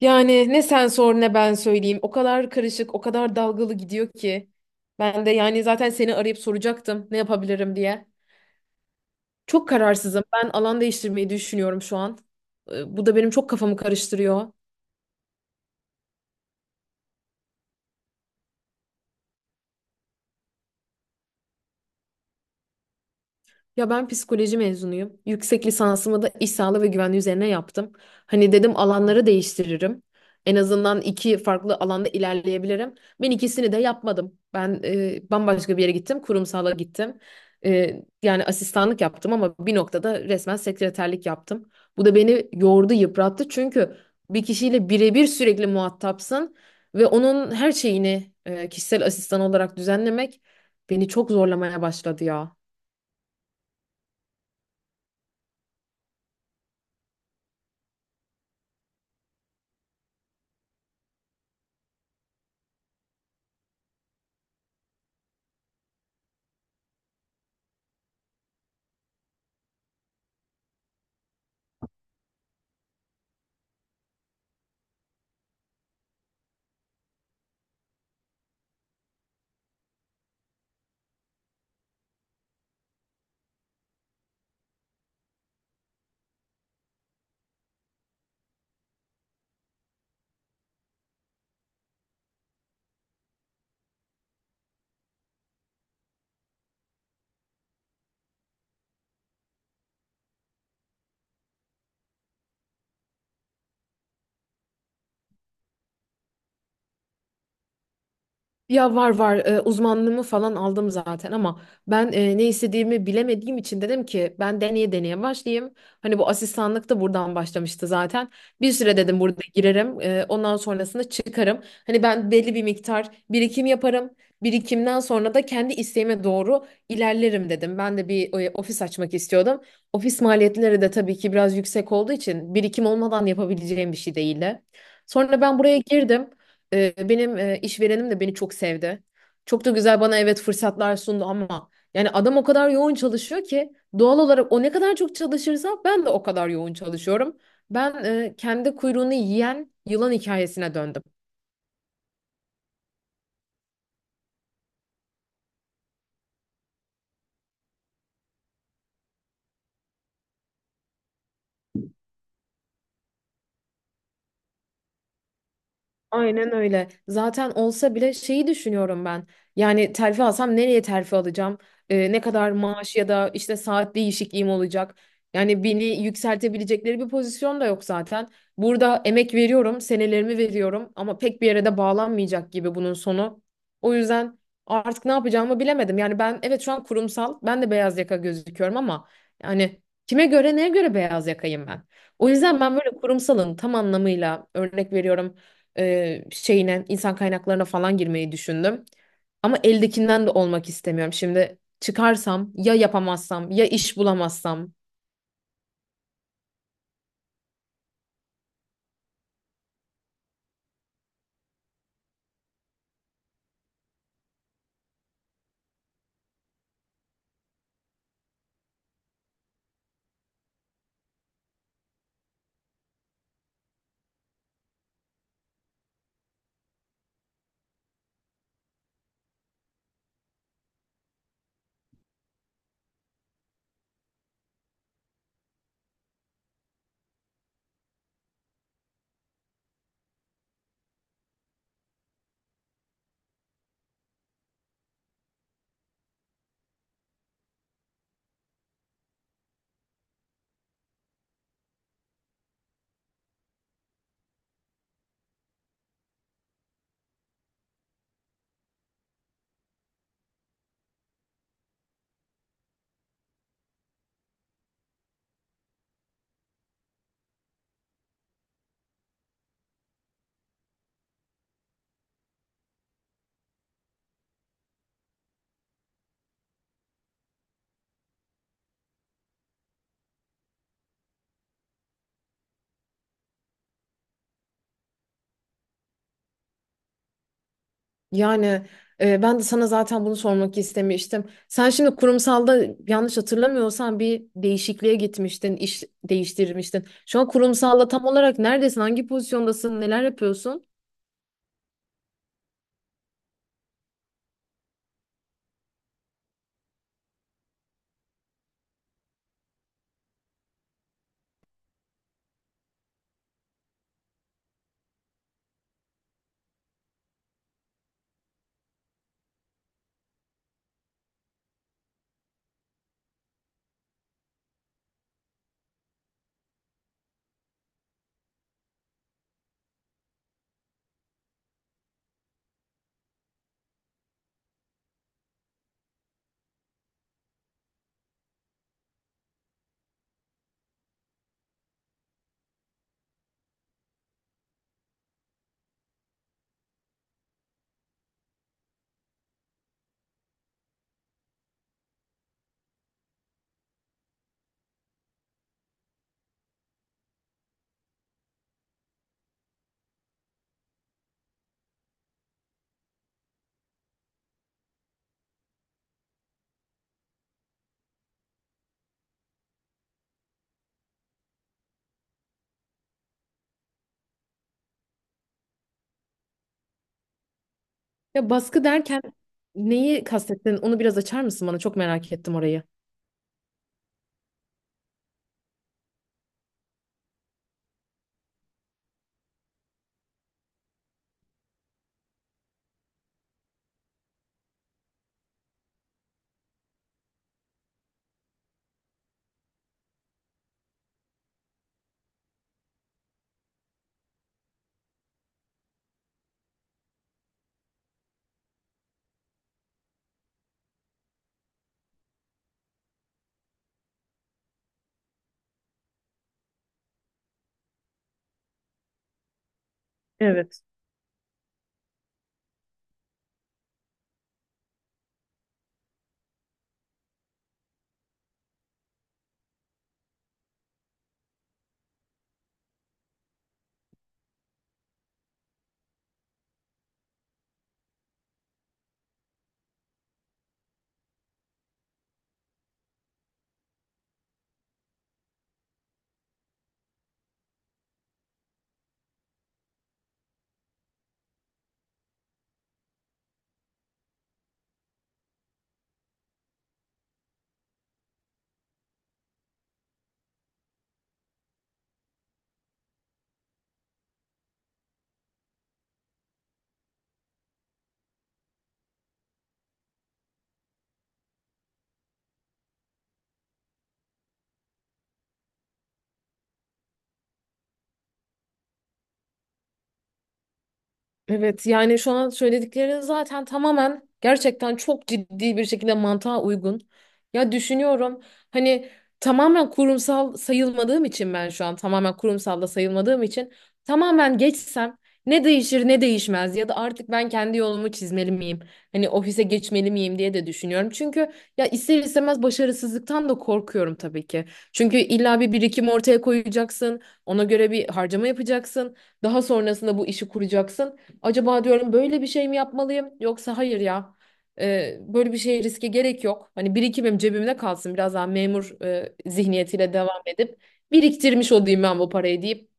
Yani ne sen sor ne ben söyleyeyim. O kadar karışık, o kadar dalgalı gidiyor ki. Ben de yani zaten seni arayıp soracaktım ne yapabilirim diye. Çok kararsızım. Ben alan değiştirmeyi düşünüyorum şu an. Bu da benim çok kafamı karıştırıyor. Ya ben psikoloji mezunuyum. Yüksek lisansımı da iş sağlığı ve güvenliği üzerine yaptım. Hani dedim alanları değiştiririm. En azından iki farklı alanda ilerleyebilirim. Ben ikisini de yapmadım. Ben bambaşka bir yere gittim. Kurumsala gittim. Yani asistanlık yaptım ama bir noktada resmen sekreterlik yaptım. Bu da beni yordu, yıprattı. Çünkü bir kişiyle birebir sürekli muhatapsın ve onun her şeyini kişisel asistan olarak düzenlemek beni çok zorlamaya başladı ya. Ya var var uzmanlığımı falan aldım zaten ama ben ne istediğimi bilemediğim için dedim ki ben deneye deneye başlayayım. Hani bu asistanlık da buradan başlamıştı zaten. Bir süre dedim burada girerim ondan sonrasında çıkarım. Hani ben belli bir miktar birikim yaparım. Birikimden sonra da kendi isteğime doğru ilerlerim dedim. Ben de bir ofis açmak istiyordum. Ofis maliyetleri de tabii ki biraz yüksek olduğu için birikim olmadan yapabileceğim bir şey değildi. Sonra ben buraya girdim. Benim işverenim de beni çok sevdi. Çok da güzel bana evet fırsatlar sundu ama yani adam o kadar yoğun çalışıyor ki doğal olarak o ne kadar çok çalışırsa ben de o kadar yoğun çalışıyorum. Ben kendi kuyruğunu yiyen yılan hikayesine döndüm. Aynen öyle. Zaten olsa bile şeyi düşünüyorum ben. Yani terfi alsam nereye terfi alacağım? Ne kadar maaş ya da işte saat değişikliğim olacak? Yani beni yükseltebilecekleri bir pozisyon da yok zaten. Burada emek veriyorum, senelerimi veriyorum ama pek bir yere de bağlanmayacak gibi bunun sonu. O yüzden artık ne yapacağımı bilemedim. Yani ben evet şu an kurumsal, ben de beyaz yaka gözüküyorum ama yani kime göre neye göre beyaz yakayım ben? O yüzden ben böyle kurumsalın tam anlamıyla örnek veriyorum şeyine insan kaynaklarına falan girmeyi düşündüm. Ama eldekinden de olmak istemiyorum. Şimdi çıkarsam ya yapamazsam ya iş bulamazsam. Yani ben de sana zaten bunu sormak istemiştim. Sen şimdi kurumsalda yanlış hatırlamıyorsam bir değişikliğe gitmiştin, iş değiştirmiştin. Şu an kurumsalda tam olarak neredesin, hangi pozisyondasın, neler yapıyorsun? Ya baskı derken neyi kastettin? Onu biraz açar mısın bana? Çok merak ettim orayı. Evet. Evet yani şu an söyledikleri zaten tamamen gerçekten çok ciddi bir şekilde mantığa uygun. Ya düşünüyorum hani tamamen kurumsal sayılmadığım için ben şu an tamamen kurumsal da sayılmadığım için tamamen geçsem ne değişir ne değişmez ya da artık ben kendi yolumu çizmeli miyim? Hani ofise geçmeli miyim diye de düşünüyorum. Çünkü ya ister istemez başarısızlıktan da korkuyorum tabii ki. Çünkü illa bir birikim ortaya koyacaksın, ona göre bir harcama yapacaksın, daha sonrasında bu işi kuracaksın. Acaba diyorum böyle bir şey mi yapmalıyım yoksa hayır ya böyle bir şey riske gerek yok. Hani birikimim cebimde kalsın biraz daha memur zihniyetiyle devam edip biriktirmiş olayım ben bu parayı deyip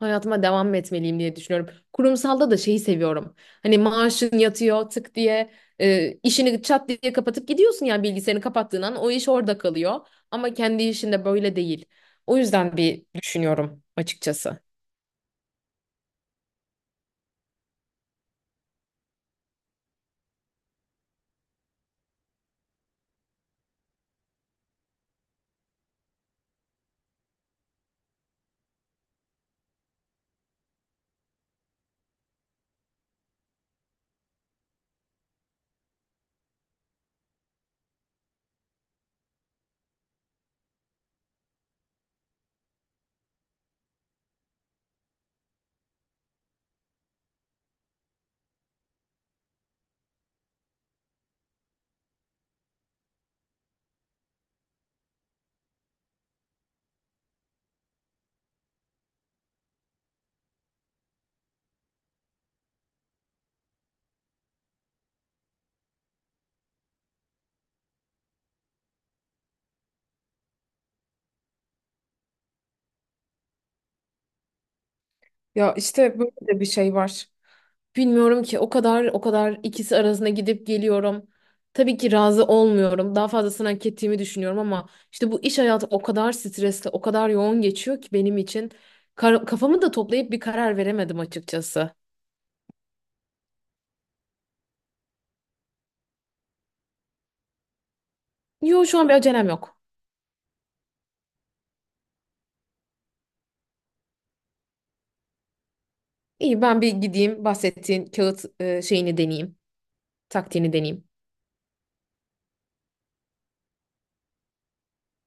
hayatıma devam mı etmeliyim diye düşünüyorum. Kurumsalda da şeyi seviyorum. Hani maaşın yatıyor tık diye işini çat diye kapatıp gidiyorsun yani bilgisayarını kapattığın an o iş orada kalıyor. Ama kendi işinde böyle değil. O yüzden bir düşünüyorum açıkçası. Ya işte böyle de bir şey var. Bilmiyorum ki o kadar ikisi arasında gidip geliyorum. Tabii ki razı olmuyorum. Daha fazlasını hak ettiğimi düşünüyorum ama işte bu iş hayatı o kadar stresli, o kadar yoğun geçiyor ki benim için. Kafamı da toplayıp bir karar veremedim açıkçası. Yo şu an bir acelem yok. İyi ben bir gideyim bahsettiğin kağıt şeyini deneyeyim, taktiğini deneyeyim.